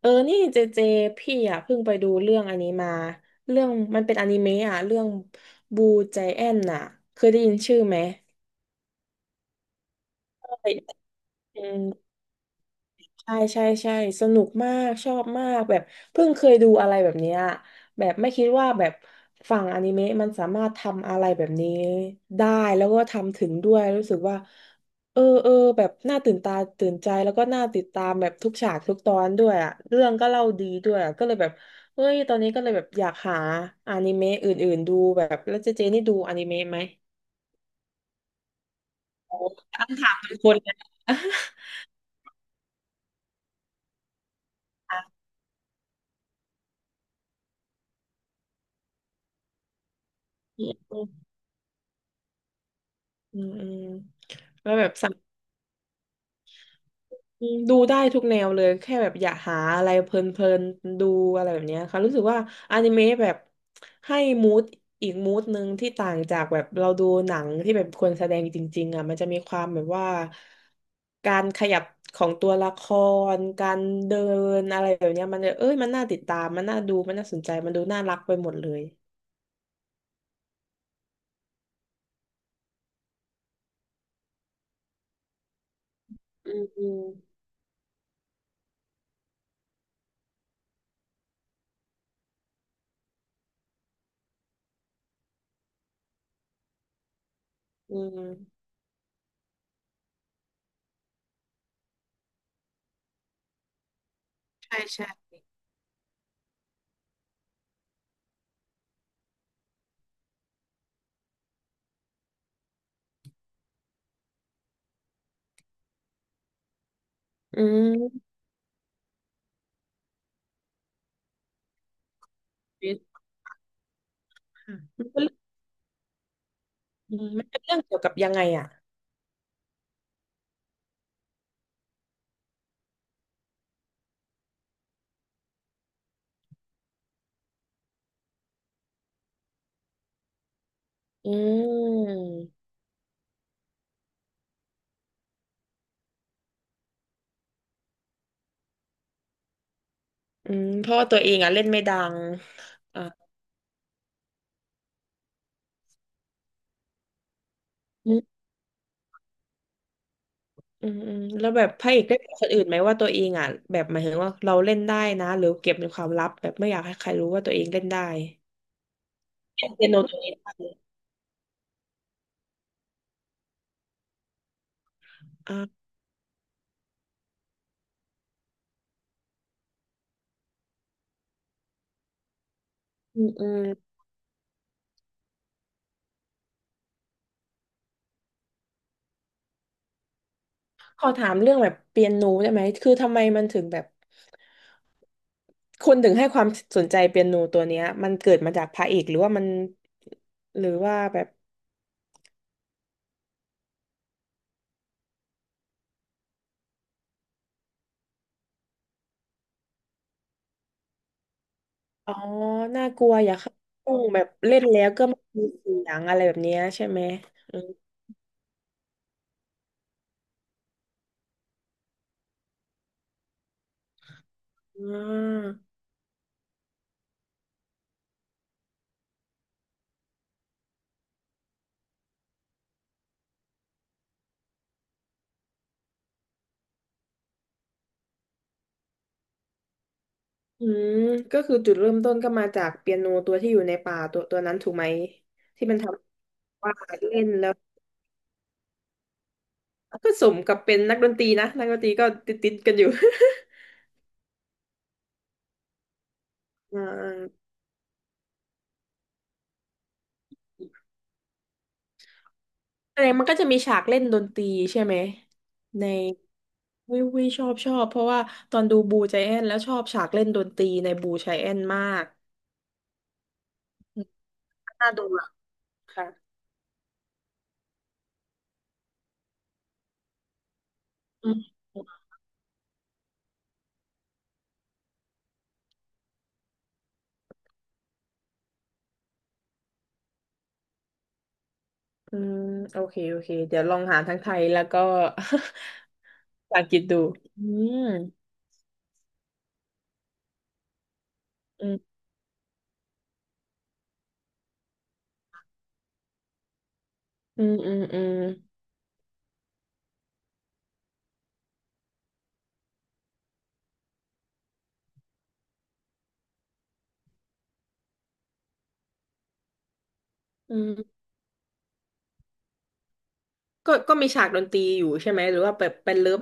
เออนี่เจเจพี่อ่ะเพิ่งไปดูเรื่องอันนี้มาเรื่องมันเป็นอนิเมะอ่ะเรื่องบูใจแอนน่ะ เคยได้ยินชื่อไหมเคย ใช่ใช่ใช่สนุกมากชอบมากแบบเพิ่งเคยดูอะไรแบบเนี้ยแบบไม่คิดว่าแบบฝั่งอนิเมะมันสามารถทำอะไรแบบนี้ได้แล้วก็ทำถึงด้วยรู้สึกว่าเออเออแบบน่าตื่นตาตื่นใจแล้วก็น่าติดตามแบบทุกฉากทุกตอนด้วยอะเรื่องก็เล่าดีด้วยอะก็เลยแบบเฮ้ยตอนนี้ก็เลยแบบอยากหาอนิเมะอื่นๆดูแบบแล้วเจเจนี่ดูอนิเมะไหมโอ้ตั้งถามเป็นคนเลยนะ อืมอืมอืมแล้วแบบ ดูได้ทุกแนวเลยแค่แบบอยากหาอะไรเพลินๆดูอะไรแบบเนี้ยค่ะรู้สึกว่าอนิเมะแบบให้มูดอีกมูดหนึ่งที่ต่างจากแบบเราดูหนังที่แบบคนแสดงจริงๆอ่ะมันจะมีความแบบว่าการขยับของตัวละครการเดินอะไรแบบเนี้ยมันจะเอ้ยมันน่าติดตามมันน่าดูมันน่าสนใจมันดูน่ารักไปหมดเลยอืมอืมอืมใช่ใช่อืม Yes ค่ะมันเป็นอืมมันเป็นเรื่องเกี่ยวกับยังไงอ่ะ อืมอืมเพราะว่าตัวเองอ่ะเล่นไม่ดังอ่าอืมอืมอืมแล้วแบบพระเอกได้บอกคนอื่นไหมว่าตัวเองอ่ะแบบหมายถึงว่าเราเล่นได้นะหรือเก็บเป็นความลับแบบไม่อยากให้ใครรู้ว่าตัวเองเล่นได้เล่นเปียโนตัวนี้ได้อ่าอืมอืมขอถามเรื่องแบบเปียโนได้ไหมคือทำไมมันถึงแบบคุณถึงให้ความสนใจเปียโนตัวเนี้ยมันเกิดมาจากพระเอกหรือว่ามันหรือว่าแบบ อ๋อน่ากลัวอย่าเข้าห้องแบบเล่นแล้วก็ไม่มีเสียงอะไรแบบเนี้ยใช่ไหมอืมอ่าอืมก็คือจุดเริ่มต้นก็มาจากเปียโนตัวที่อยู่ในป่าตัวตัวนั้นถูกไหมที่มันทำว่าเล่นแล้วก็สมกับเป็นนักดนตรีนะนักดนตรีก็ติดติดกันอยู่ อ่าแสดงมันก็จะมีฉากเล่นดนตรีใช่ไหมในวิววิชอบชอบเพราะว่าตอนดูบูใจแอนแล้วชอบฉากเล่นดนตรีในบูใจแอนมากน่าดูอ่ะค่ะ อืมอืมโอเค โอเค เดี๋ยวลองหาทั้งไทยแล้วก็ ภาษาอังกฤษดูอืมอืมอืมอืมอืมอืมก็ก็มีฉากดนตรีอยู่ใช่ไหม หรือว่าแบบเป็นเลิฟ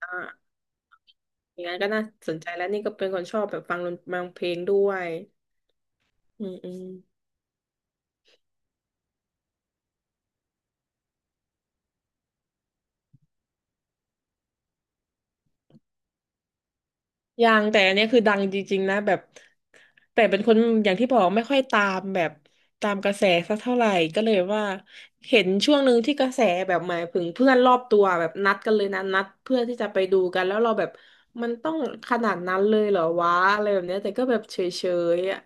อ่าอย่างนั้นก็น่าสนใจแล้วนี่ก็เป็นคนชอบแบบฟังดนฟังเพลงด้วยอืมอืม ยังแต่อันเนี้ยคือดังจริงๆนะแบบแต่เป็นคนอย่างที่บอกไม่ค่อยตามแบบตามกระแสสักเท่าไหร่ก็เลยว่าเห็นช่วงหนึ่งที่กระแสแบบหมายถึงเพื่อนรอบตัวแบบนัดกันเลยนะนัดเพื่อที่จะไปดูกันแล้วเราแบบมันต้องขนาดนั้นเลยเหรอวะอะไรแบบเนี้ยแต่ก็แบบเฉยๆอ่ะ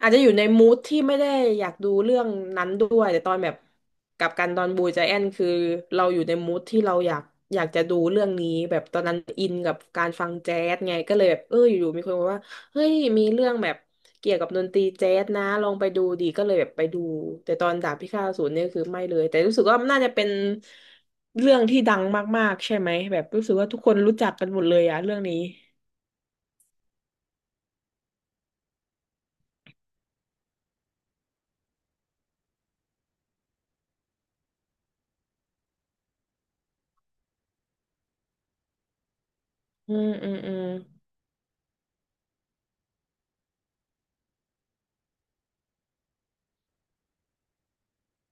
อาจจะอยู่ในมูดที่ไม่ได้อยากดูเรื่องนั้นด้วยแต่ตอนแบบกลับกันตอนบูจาแอนคือเราอยู่ในมูดที่เราอยากอยากจะดูเรื่องนี้แบบตอนนั้นอินกับการฟังแจ๊สไงก็เลยแบบเอออยู่ๆมีคนบอกว่าเฮ้ยมีเรื่องแบบเกี่ยวกับดนตรีแจ๊สนะลองไปดูดีก็เลยแบบไปดูแต่ตอนดาบพิฆาตอสูรเนี่ยคือไม่เลยแต่รู้สึกว่ามันน่าจะเป็นเรื่องที่ดังมากๆใช่ไหมแบบรู้สึกว่าทุกคนรู้จักกันหมดเลยอะเรื่องนี้อืมอืมอืม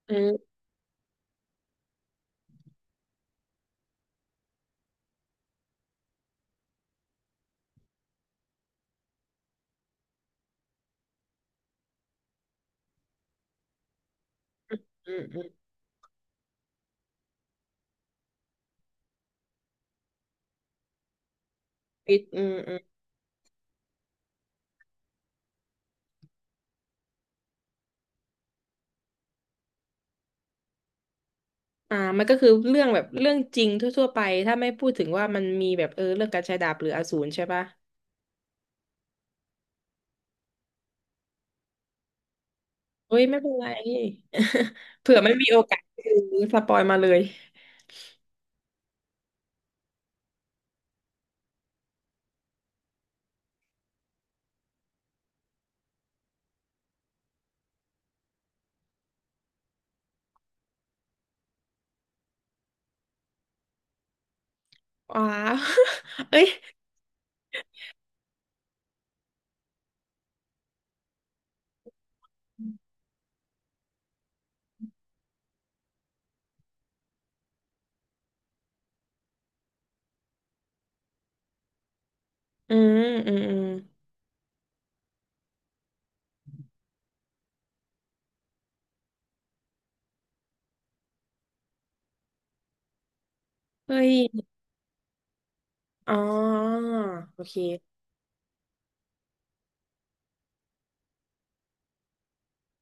อืมอืมอืมอืมอืม อ่ามันก็คือเรื่องแบบเรื่องจริงทั่วๆไปถ้าไม่พูดถึงว่ามันมีแบบเออเรื่องการใช้ดาบหรืออสูรใช่ปะเฮ้ยไม่เป็นไร เผื่อไม่มีโอกาสคือสปอยมาเลยว้าว เอ้ยอืมอืมอืมเฮ้ยอ๋อโอเค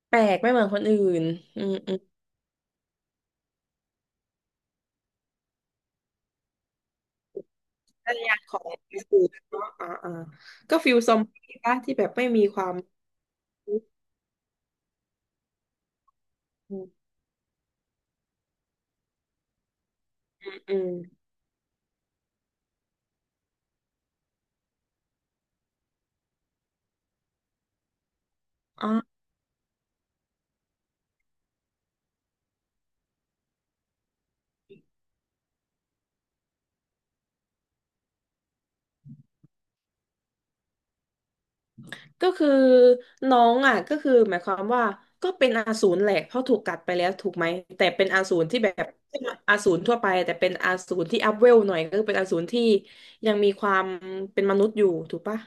แปลกไม่เหมือนคนอื่นอืมอืมภรรยาของอสูรเนาะอ่าอ่าก็ฟิลซอมบี้ปะที่แบบไม่มีความอืมอืมอมอ๋อ ก็คือน้องอ่ะก็คือหมายความว่าก็เป็นอสูรแหละเพราะถูกกัดไปแล้วถูกไหมแต่เป็นอสูรที่แบบอสูรทั่วไปแต่เป็นอสูรที่อัพเวลหน่อยก็คือเป็นอสูรที่ยังมีความเป็นมนุษย์อยู่ถูกปะ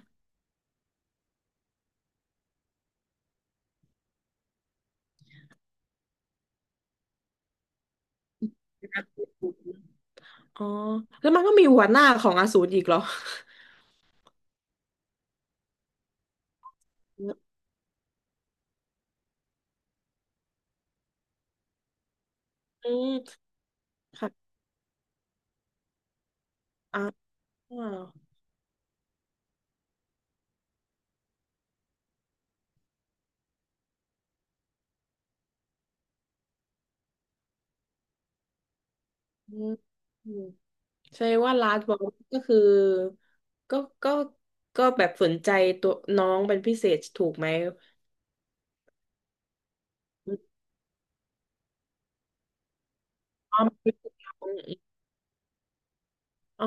ครับอ๋อแล้วมันก็มีหัวหน้าของอสูรอีกเหรออืมค่ะอ่าอืมอืมใช่ว่าลาสบอลก็คือก็ก็ก็แบบสนใจตัวน้องเป็นพิเศษถูกไหม อ๋อมันเป็นฟิลนั้นอ๋อ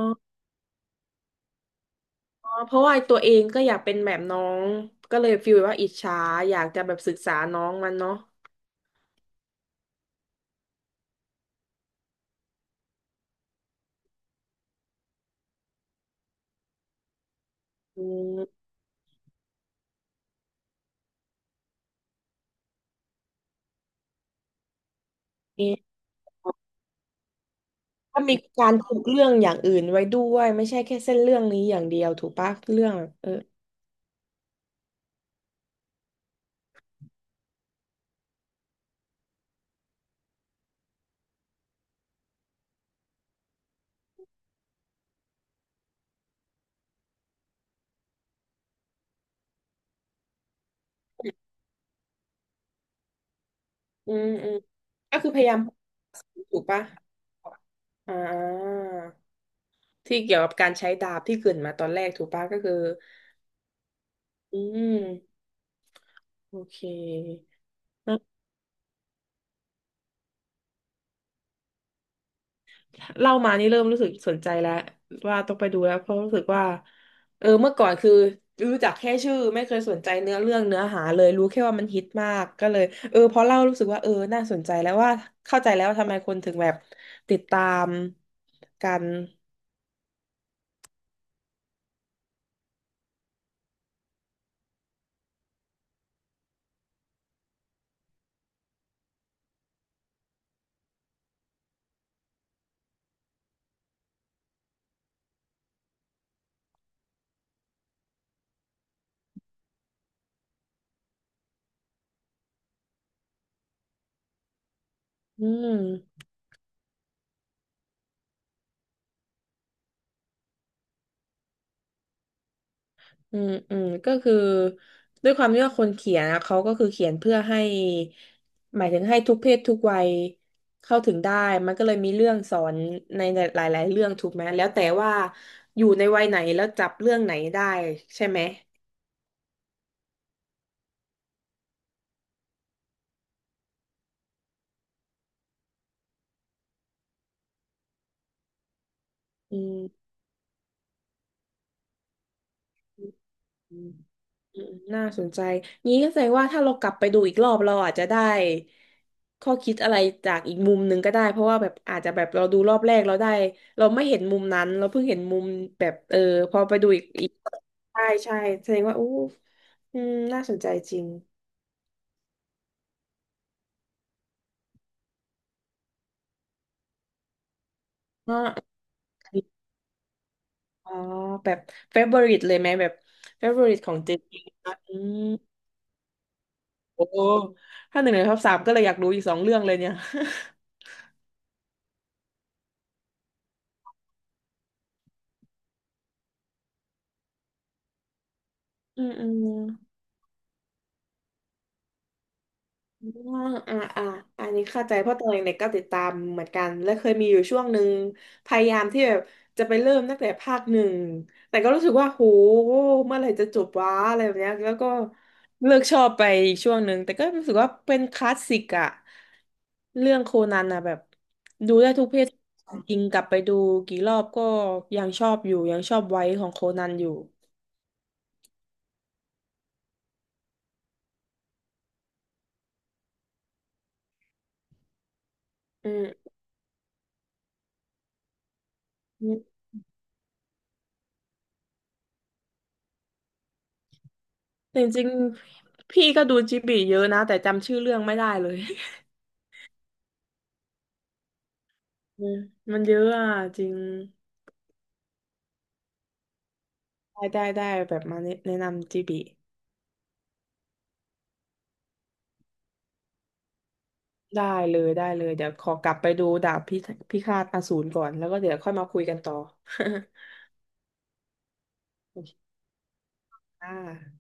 เพราะว่าตัวเองก็อยากเป็นแบบน้องก็เลยฟีลว่าอิจฉาอยากจะแบบศึกษาน้องมันเนาะอืมเอะถ้ามีการผูกเรื่องอย่างอื่นไว้ด้วยไม่ใช่แค่เส้นเรื่องนี้อย่างเดียวถูกปะเรื่องแบบอืมอืมก็คือพยายามถูกปะอ่าที่เกี่ยวกับการใช้ดาบที่เกริดมาตอนแรกถูกปะก็คืออืมโอเค เล่ามานี่เริ่มรู้สึกสนใจแล้วว่าต้องไปดูแล้วเพราะรู้สึกว่าเมื่อก่อนคือรู้จักแค่ชื่อไม่เคยสนใจเนื้อเรื่องเนื้อหาเลยรู้แค่ว่ามันฮิตมากก็เลยพอเล่ารู้สึกว่าน่าสนใจแล้วว่าเข้าใจแล้วว่าทำไมคนถึงแบบติดตามกันอืม อืมอืมก็คือด้วยความที่ว่าคนเขียนนะเขาก็คือเขียนเพื่อให้หมายถึงให้ทุกเพศทุกวัยเข้าถึงได้มันก็เลยมีเรื่องสอนในหลายๆเรื่องถูกไหมแล้วแต่ว่าอยู่ในวัยไหนแล้วจับเรื่องไหนได้ใช่ไหมอืม อืมน่าสนใจงี้ก็แสดงว่าถ้าเรากลับไปดูอีกรอบเราอาจจะได้ข้อคิดอะไรจากอีกมุมหนึ่งก็ได้เพราะว่าแบบอาจจะแบบเราดูรอบแรกเราได้เราไม่เห็นมุมนั้นเราเพิ่งเห็นมุมแบบพอไปดูอีกใช่ใช่แสดงว่าอู้อืมน่าสนใจจริงเนาอ๋อแบบเฟเวอริตเลยไหมแบบเฟเวอริตของเจนนะอืมโอ้ถ้าหนึ่งในท็อปสามก็เลยอยากรู้อีกสองเรื่องเลยเนี่ยอืมอืม อ่าอ่าอ่าอันนี้เข้าใจเพราะตอนเด็กๆก็ติดตามเหมือนกันและเคยมีอยู่ช่วงหนึ่งพยายามที่แบบจะไปเริ่มตั้งแต่ภาคหนึ่งแต่ก็รู้สึกว่าโหเมื่อไหร่จะจบวะอะไรแบบเนี้ยแล้วก็เลิกชอบไปอีกช่วงหนึ่งแต่ก็รู้สึกว่าเป็นคลาสสิกอะเรื่องโคนันอะแบบดูได้ทุกเพศจริงกลับไปดูกี่รอบก็ยังชอบอยู่ยังชอบไว้ของโคนันอยู่อืมอืมจริงๆพี่ก็ดูจิบลิเยอะนะแต่จำชื่อเรื่องไม่ได้เลย อืมมันเยอะอ่ะจริงได้ได้ได้แบบมาแนะนำจีบีได้เลยได้เลยเดี๋ยวขอกลับไปดูดาบพิฆาตอสูรก่อนแล้วก็เดี๋ยวค่อยมาคุยกันต่อ โอเคค่ะ